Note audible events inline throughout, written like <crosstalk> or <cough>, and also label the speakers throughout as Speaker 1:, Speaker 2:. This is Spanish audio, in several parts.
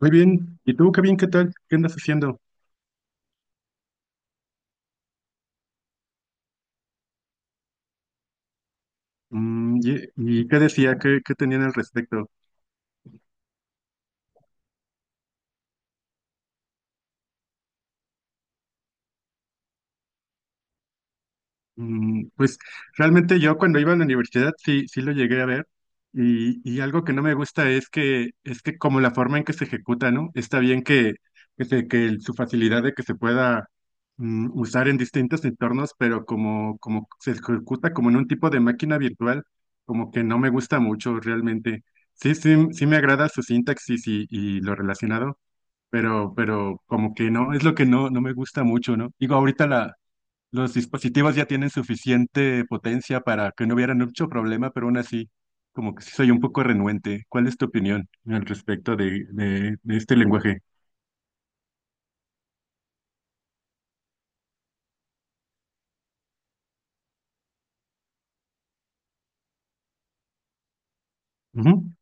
Speaker 1: Muy bien. ¿Y tú, Kevin, qué tal? ¿Qué andas haciendo? Y qué decía? ¿Qué tenían al respecto? Pues realmente yo cuando iba a la universidad sí lo llegué a ver y algo que no me gusta es que como la forma en que se ejecuta, ¿no? Está bien que su facilidad de que se pueda usar en distintos entornos, pero como se ejecuta como en un tipo de máquina virtual, como que no me gusta mucho realmente. Sí, sí, sí me agrada su sintaxis y lo relacionado, pero como que no, es lo que no me gusta mucho, ¿no? Digo, los dispositivos ya tienen suficiente potencia para que no hubiera mucho problema, pero aún así, como que sí soy un poco renuente. ¿Cuál es tu opinión al respecto de este lenguaje? Ujú.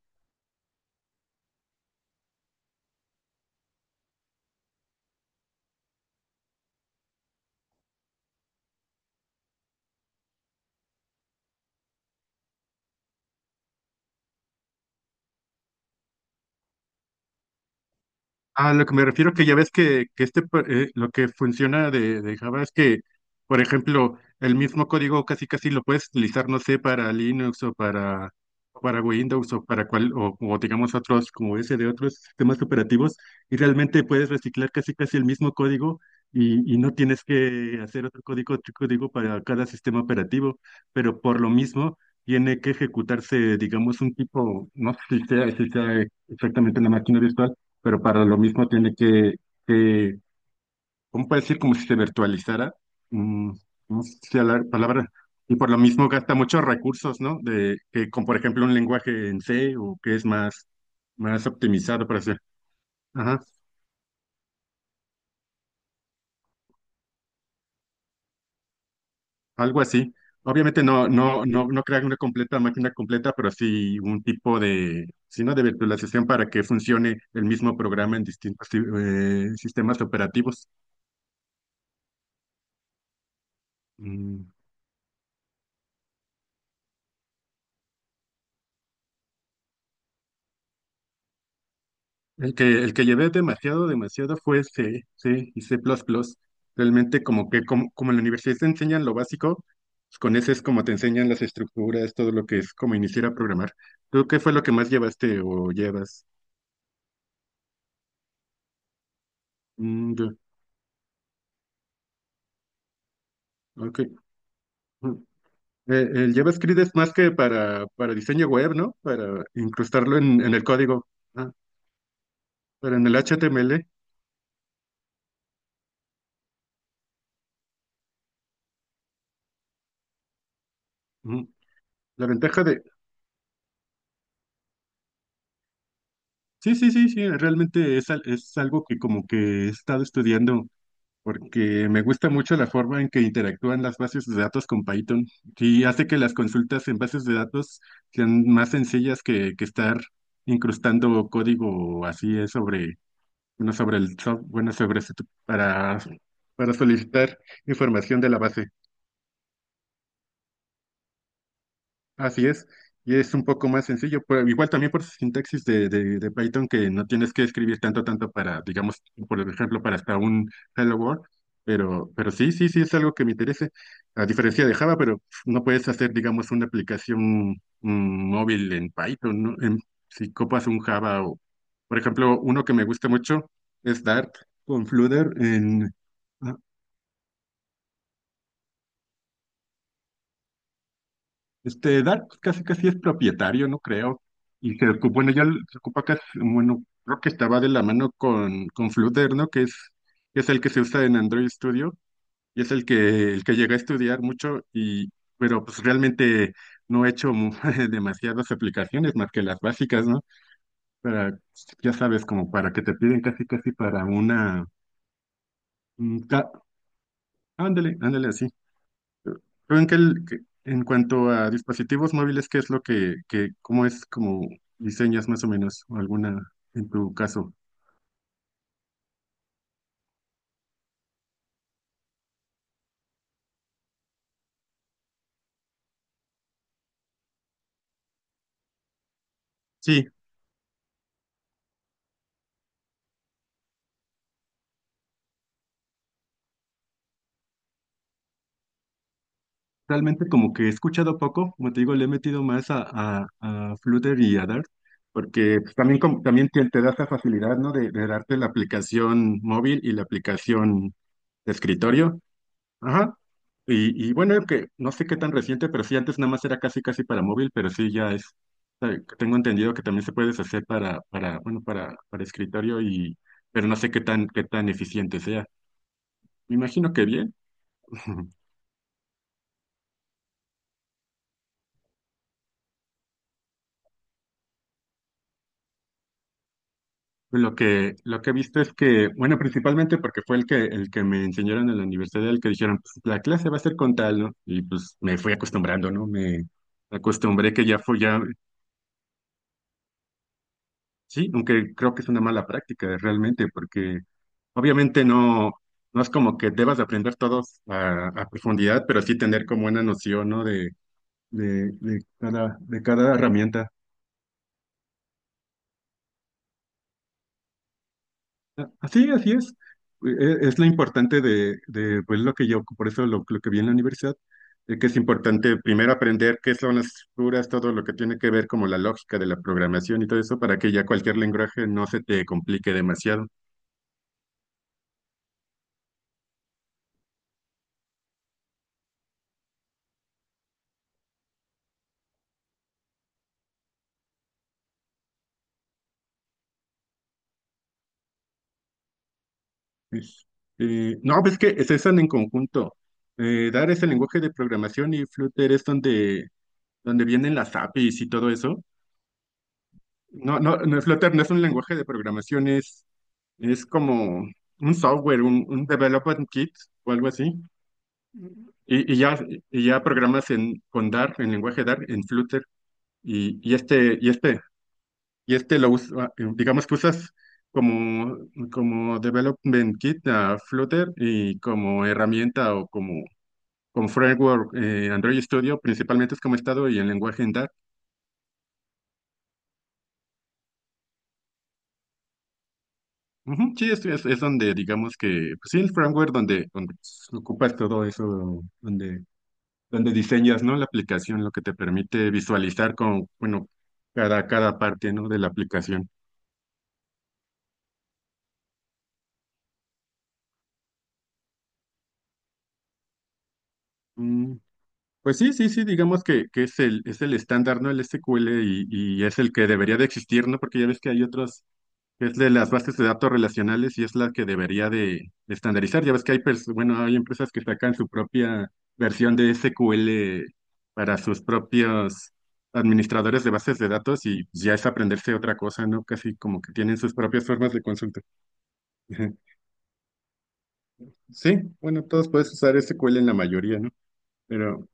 Speaker 1: A lo que me refiero que ya ves que lo que funciona de Java es que, por ejemplo, el mismo código casi casi lo puedes utilizar, no sé, para Linux o para Windows o para o digamos otros, como ese de otros sistemas operativos, y realmente puedes reciclar casi casi el mismo código y no tienes que hacer otro código para cada sistema operativo, pero por lo mismo tiene que ejecutarse, digamos, un tipo, no sé si sea, si sea exactamente una máquina virtual, pero para lo mismo tiene que ¿cómo puede decir? Como si se virtualizara. mm, no sé si la palabra, y por lo mismo gasta muchos recursos, ¿no? Por ejemplo, un lenguaje en C, o que es más optimizado para hacer. Ajá, algo así. Obviamente no crear una completa máquina completa, pero sí un tipo de, sino de virtualización para que funcione el mismo programa en distintos sistemas operativos. Mm. El que llevé demasiado, demasiado fue C y C++. Realmente como que como en la universidad te enseñan lo básico, pues con ese es como te enseñan las estructuras, todo lo que es como iniciar a programar. ¿Tú qué fue lo que más llevaste o llevas? Mm, ya, ok. Mm. El JavaScript es más que para diseño web, ¿no? Para incrustarlo en el código. Ah, pero en el HTML. Ujú. La ventaja de... Sí, sí, sí, sí, realmente es, al- es algo que como que he estado estudiando porque me gusta mucho la forma en que interactúan las bases de datos con Python, y hace que las consultas en bases de datos sean más sencillas que estar incrustando código así es sobre, bueno, sobre el software, bueno, sobre, su- para, para solicitar información de la base. Así es, y es un poco más sencillo, pero igual también por su sintaxis de Python, que no tienes que escribir tanto para, digamos, por ejemplo, para hasta un hello world. Pero sí, sí, sí es algo que me interese, a diferencia de Java, pero no puedes hacer, digamos, una aplicación móvil en Python, ¿no? En- si copas un Java o, por ejemplo, uno que me gusta mucho es Dart con Flutter en. Este, Dark pues, casi casi es propietario, no creo. Y se ocupa, bueno, ya l- se ocupa casi, bueno, creo que estaba de la mano con Flutter, ¿no? Que es el que se usa en Android Studio y es el que llega a estudiar mucho y, pero pues realmente no he hecho mu- <laughs> demasiadas aplicaciones más que las básicas, ¿no? Para, ya sabes, como para que te piden casi casi para una, un ca- ándale, ándale así. Pero en, que el- que- en cuanto a dispositivos móviles, ¿qué es lo cómo es como diseñas más o menos alguna en tu caso? Sí, realmente como que he escuchado poco, como te digo, le he metido más a Flutter y a Dart, porque pues, también, como- también te da esa facilidad, ¿no? De darte la aplicación móvil y la aplicación de escritorio. Ajá. Y bueno, que no sé qué tan reciente, pero sí, antes nada más era casi casi para móvil, pero sí ya es, tengo entendido que también se puede hacer para escritorio y, pero no sé qué qué tan eficiente sea. Me imagino que bien. <laughs> Lo que he visto es que, bueno, principalmente porque fue el que me enseñaron en la universidad, el que dijeron, pues la clase va a ser con tal, ¿no? Y pues me fui acostumbrando, ¿no? Me acostumbré que ya fue, ya. Sí, aunque creo que es una mala práctica realmente, porque obviamente no es como que debas de aprender todos a profundidad, pero sí tener como una noción, ¿no? De cada herramienta. Así, así es. E- Es lo importante de pues, lo que yo, por eso lo que vi en la universidad, de que es importante primero aprender qué son las estructuras, todo lo que tiene que ver como la lógica de la programación y todo eso, para que ya cualquier lenguaje no se te complique demasiado. Este, no, pues que se usan en conjunto. Dart es el lenguaje de programación y Flutter es donde vienen las APIs y todo eso. No, Flutter no es un lenguaje de programación, es como un software, un development kit o algo así. Y, y ya, y ya programas en, con Dart, en lenguaje Dart, en Flutter. Y, y este, y este, y este lo usa, digamos que usas como, como development kit a Flutter y como herramienta o como con Framework, Android Studio principalmente es como he estado y en lenguaje en Dart. Ujú, sí, es donde digamos que, pues sí, el framework donde ocupas todo eso, donde diseñas, ¿no? La aplicación, lo que te permite visualizar con, bueno, cada parte, ¿no? De la aplicación. Mm, pues sí, sí, sí, digamos que es el estándar, ¿no? El SQL, y es el que debería de existir, ¿no? Porque ya ves que hay otros que es de las bases de datos relacionales y es la que debería de estandarizar. Ya ves que hay, pers- bueno, hay empresas que sacan su propia versión de SQL para sus propios administradores de bases de datos y ya es aprenderse otra cosa, ¿no? Casi como que tienen sus propias formas de consulta. <laughs> Ujú. Sí, bueno, todos puedes usar SQL en la mayoría, ¿no? Pero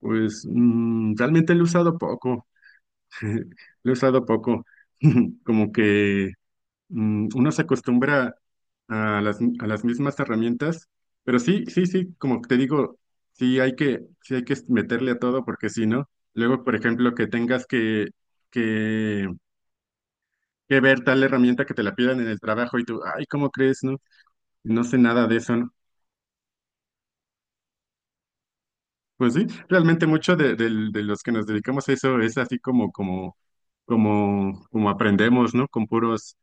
Speaker 1: pues realmente lo he usado poco. <laughs> Lo he usado poco. <laughs> Como que uno se acostumbra a las mismas herramientas, pero sí, sí, sí, como te digo, sí hay sí hay que meterle a todo porque si no, luego, por ejemplo, que tengas que, que ver tal herramienta que te la pidan en el trabajo y tú, ay, ¿cómo crees, no? No sé nada de eso, ¿no? Pues sí, realmente mucho de los que nos dedicamos a eso es así como, como, como, como aprendemos, ¿no? Con puros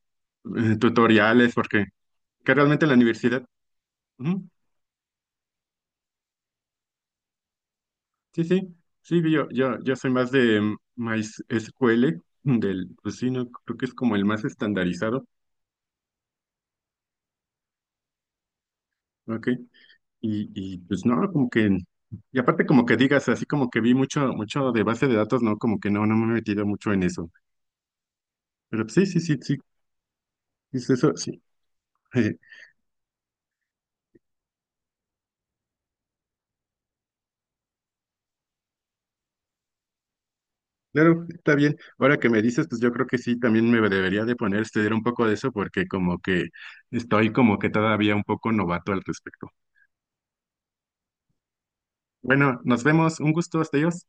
Speaker 1: tutoriales, porque que realmente en la universidad. Ujú. Sí, sí, sí, yo soy más de MySQL, del, pues sí, no, creo que es como el más estandarizado, ¿ok? Y pues no, como que, y aparte como que digas, así como que vi mucho, mucho de base de datos, no, como que no me he metido mucho en eso, pero pues, sí, sí, sí, sí, es eso, sí. <laughs> Claro, está bien. Ahora que me dices, pues yo creo que sí, también me debería de poner a estudiar un poco de eso porque como que estoy como que todavía un poco novato al respecto. Bueno, nos vemos, un gusto, hasta ellos.